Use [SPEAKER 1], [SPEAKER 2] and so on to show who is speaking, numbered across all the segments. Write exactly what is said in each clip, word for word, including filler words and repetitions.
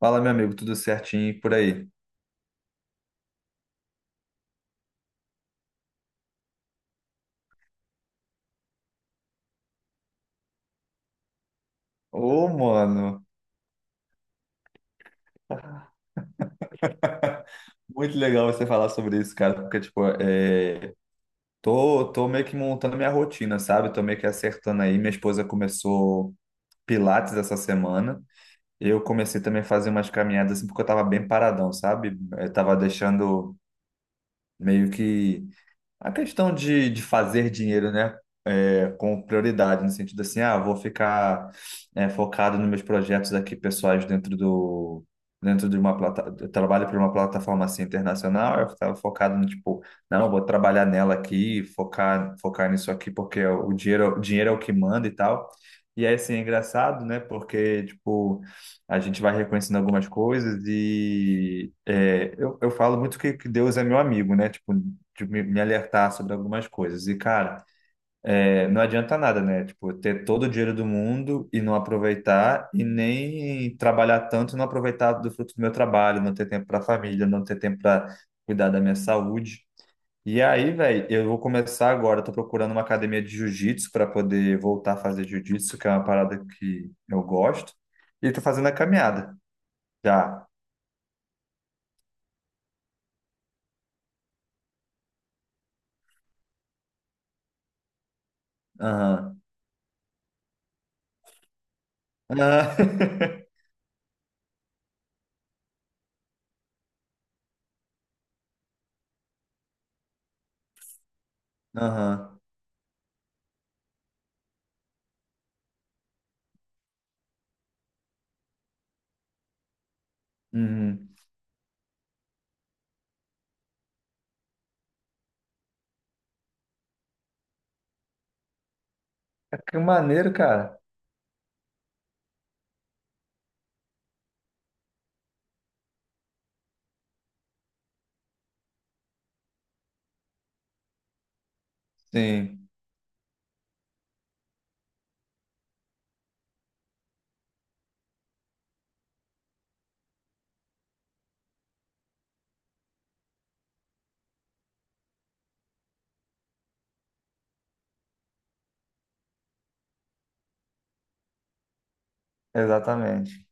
[SPEAKER 1] Fala, meu amigo, tudo certinho e por aí? Ô, mano, muito legal você falar sobre isso, cara, porque, tipo, é, tô, tô meio que montando minha rotina, sabe? Tô meio que acertando aí. Minha esposa começou Pilates essa semana. Eu comecei também a fazer umas caminhadas, assim, porque eu tava bem paradão, sabe? Eu tava deixando meio que. A questão de, de fazer dinheiro, né? é, com prioridade, no sentido assim, ah, vou ficar é, focado nos meus projetos aqui pessoais dentro do dentro de uma plataforma, eu trabalho para uma plataforma assim internacional, eu estava focado no tipo, não, vou trabalhar nela aqui, focar focar nisso aqui porque é o dinheiro, o dinheiro é o que manda e tal. E aí, assim, é engraçado, né? Porque, tipo, a gente vai reconhecendo algumas coisas e é, eu, eu falo muito que, que Deus é meu amigo, né? Tipo, de me me alertar sobre algumas coisas. E, cara, é, não adianta nada, né? Tipo, ter todo o dinheiro do mundo e não aproveitar, e nem trabalhar tanto e não aproveitar do fruto do meu trabalho, não ter tempo para a família, não ter tempo para cuidar da minha saúde. E aí, velho, eu vou começar agora. Eu tô procurando uma academia de jiu-jitsu para poder voltar a fazer jiu-jitsu, que é uma parada que eu gosto. E tô fazendo a caminhada. Já. Aham. Aham. Aham. Uhum. É que maneiro, cara. Sim. Exatamente,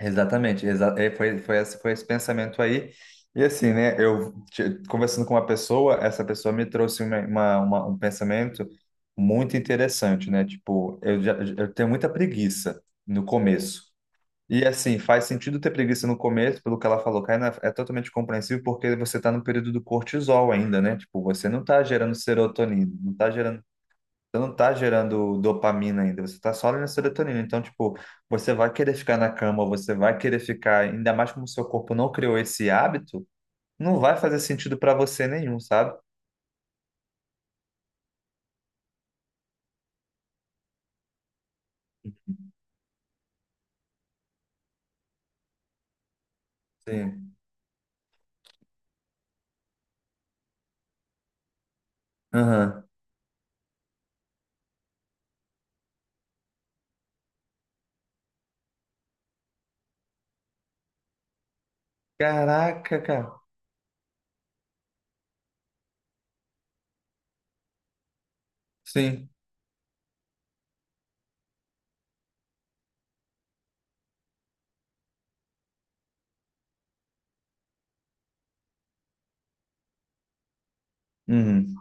[SPEAKER 1] exatamente, exa é, foi, foi, esse, foi esse pensamento aí, e assim, né, eu te- conversando com uma pessoa, essa pessoa me trouxe uma, uma- uma- um pensamento muito interessante, né, tipo, eu, já, eu tenho muita preguiça no começo, e assim, faz sentido ter preguiça no começo, pelo que ela falou, Kaina, é é totalmente compreensível, porque você está no período do cortisol ainda, né, tipo, você não está gerando serotonina, não está gerando. Você não tá gerando dopamina ainda, você tá só na serotonina. Então, tipo, você vai querer ficar na cama, você vai querer ficar, ainda mais como o seu corpo não criou esse hábito, não vai fazer sentido pra você nenhum, sabe? Sim. Aham. Caraca, cara. Sim. Uhum.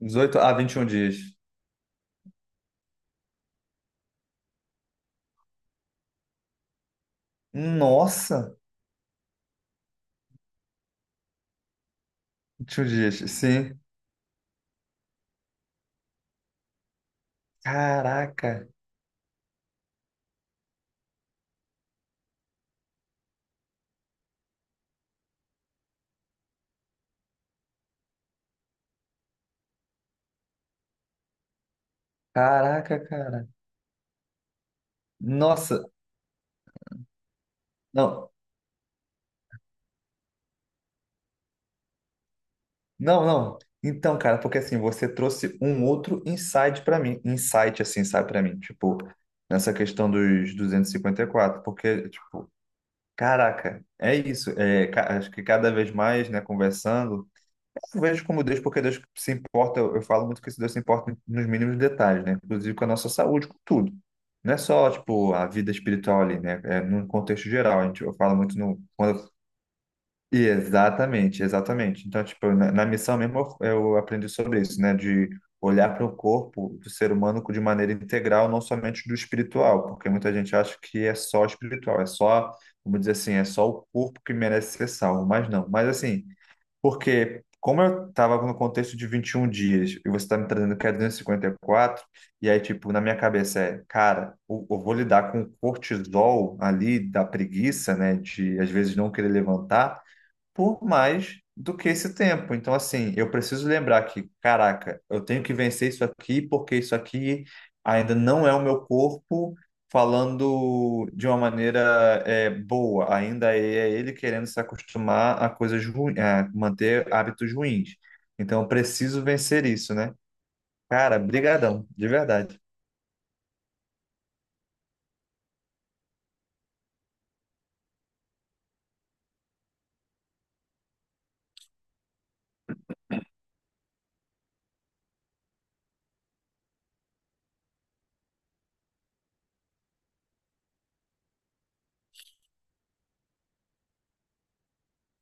[SPEAKER 1] dezoito a vinte e um dias. Nossa, vinte e um dias. Sim. Caraca. Caraca, cara. Nossa. Não. Não, não. Então, cara, porque assim, você trouxe um outro insight pra mim, insight assim, sabe, pra mim, tipo, nessa questão dos duzentos e e cinquenta e quatro, porque tipo, caraca, é isso, é, ca- acho que cada vez mais, né, conversando, eu vejo como Deus, porque Deus se importa, eu, eu falo muito que esse Deus se importa nos mínimos detalhes, né, inclusive com a nossa saúde, com tudo. Não é só, tipo, a vida espiritual ali, né, é num contexto geral, a gente, eu falo muito no, quando. E exatamente, exatamente. Então, tipo, na, na missão mesmo eu, eu aprendi sobre isso, né? De olhar para o corpo do ser humano de maneira integral, não somente do espiritual, porque muita gente acha que é só espiritual, é só, vamos dizer assim, é só o corpo que merece ser salvo, mas não. Mas assim, porque como eu estava no contexto de vinte e um dias e você está me trazendo que é duzentos e cinquenta e quatro, e cinquenta e quatro, e aí, tipo, na minha cabeça é, cara, eu, eu vou lidar com o cortisol ali da preguiça, né? De às vezes não querer levantar por mais do que esse tempo. Então, assim, eu preciso lembrar que, caraca, eu tenho que vencer isso aqui, porque isso aqui ainda não é o meu corpo falando de uma maneira é, boa. Ainda é ele querendo se acostumar a coisas ruins, a manter hábitos ruins. Então, eu preciso vencer isso, né? Cara, brigadão, de verdade.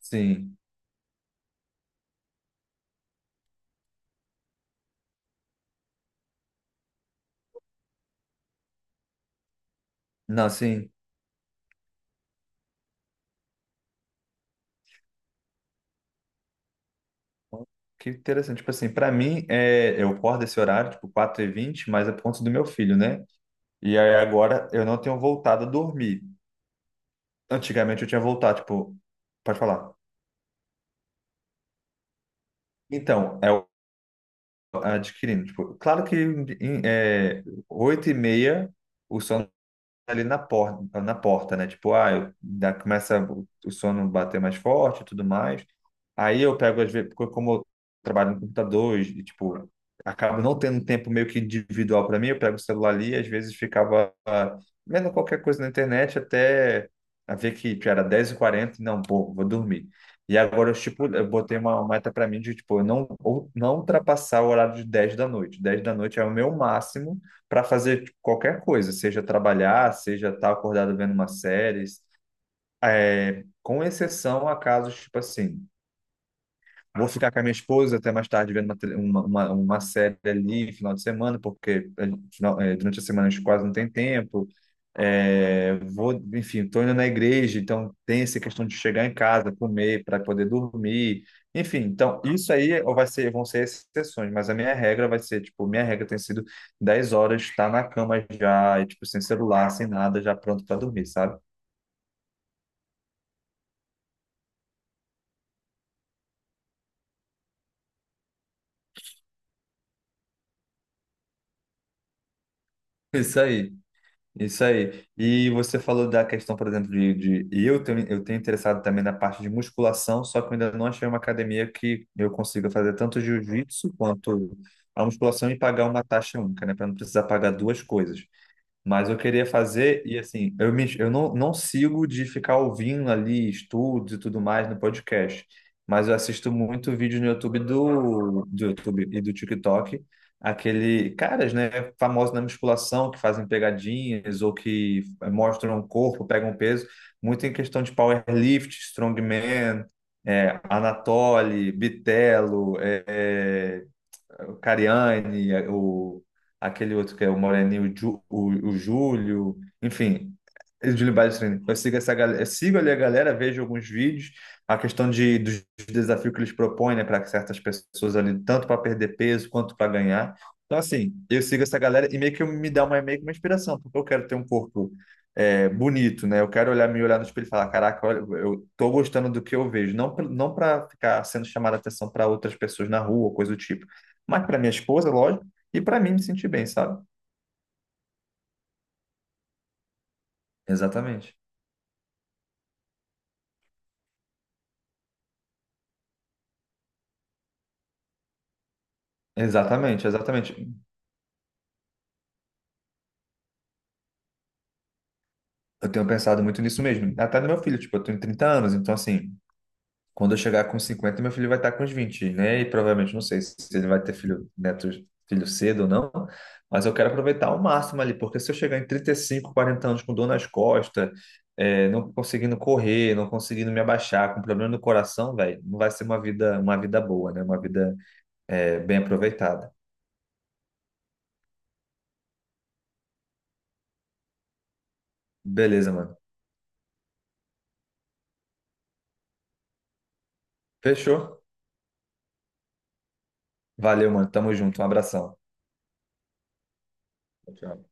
[SPEAKER 1] Sim. Não, sim. Que interessante. Tipo assim, pra mim, é, eu acordo esse horário, tipo quatro e vinte, mas é por conta do meu filho, né? E aí agora eu não tenho voltado a dormir. Antigamente eu tinha voltado, tipo, pode falar. Então, é o- adquirindo, tipo, claro que em, é, oito e meia o sono ali na porta, na porta, né? Tipo, ah, eu, dá, começa o o sono bater mais forte e tudo mais. Aí eu pego, às vezes, porque como eu trabalho no computador e, tipo, acabo não tendo um tempo meio que individual para mim, eu pego o celular ali e às vezes ficava ah, vendo qualquer coisa na internet até a ver que tipo, era dez e quarenta e não, pô, vou dormir. E agora eu, tipo, eu botei uma meta para mim de, tipo, eu não, ou- não ultrapassar o horário de dez da noite. Dez da noite é o meu máximo para fazer tipo, qualquer coisa, seja trabalhar, seja estar acordado vendo uma série, é, com exceção a casos tipo assim. Vou ficar com a minha esposa até mais tarde vendo uma, tele- uma, uma, uma série ali, final de semana, porque a final- eh, durante a semana a gente quase não tem tempo. É, vou, enfim, estou indo na igreja, então tem essa questão de chegar em casa, comer para poder dormir. Enfim, então isso aí vai ser, vão ser exceções, mas a minha regra vai ser, tipo, minha regra tem sido dez horas, estar na cama já, e, tipo, sem celular, sem nada, já pronto para dormir, sabe? Isso aí. Isso aí. E você falou da questão, por exemplo, de, de eu tenho, eu tenho interessado também na parte de musculação, só que eu ainda não achei uma academia que eu consiga fazer tanto jiu-jitsu quanto a musculação e pagar uma taxa única, né? Para não precisar pagar duas coisas. Mas eu queria fazer, e assim, eu, me, eu não, não sigo de ficar ouvindo ali estudos e tudo mais no podcast, mas eu assisto muito vídeo no YouTube do, do YouTube e do TikTok, aquele caras, né, famosos na musculação, que fazem pegadinhas ou que mostram o corpo, pegam peso, muito em questão de powerlift, strongman, é, Anatoly, Bitelo, é, é, o Cariani, o, aquele outro que é o Moreninho, o, Ju- o, o Júlio, enfim, o Júlio Balestrini. Eu sigo, essa, gal- eu sigo ali a galera, vejo alguns vídeos, a questão de, dos desafios que eles propõem, né, para certas pessoas ali, tanto para perder peso quanto para ganhar. Então, assim, eu sigo essa galera e meio que me dá uma, meio que uma inspiração, porque eu quero ter um corpo é, bonito, né? Eu quero olhar, me olhar no espelho e falar, caraca, olha, eu tô gostando do que eu vejo. Não, pra- não para ficar sendo chamada atenção para outras pessoas na rua, coisa do tipo, mas para minha esposa, lógico, e para mim me sentir bem, sabe? Exatamente. Exatamente, exatamente. Eu tenho pensado muito nisso mesmo. Até no meu filho, tipo, eu tenho trinta anos, então assim, quando eu chegar com cinquenta, meu filho vai estar com uns vinte, né? E provavelmente, não sei se ele vai ter filho, neto, filho cedo ou não, mas eu quero aproveitar ao máximo ali, porque se eu chegar em trinta e cinco, quarenta anos com dor nas costas, é, não conseguindo correr, não conseguindo me abaixar, com problema no coração, velho, não vai ser uma vida, uma vida boa, né? Uma vida, é, bem aproveitada. Beleza, mano. Fechou. Valeu, mano. Tamo junto. Um abração. Tchau.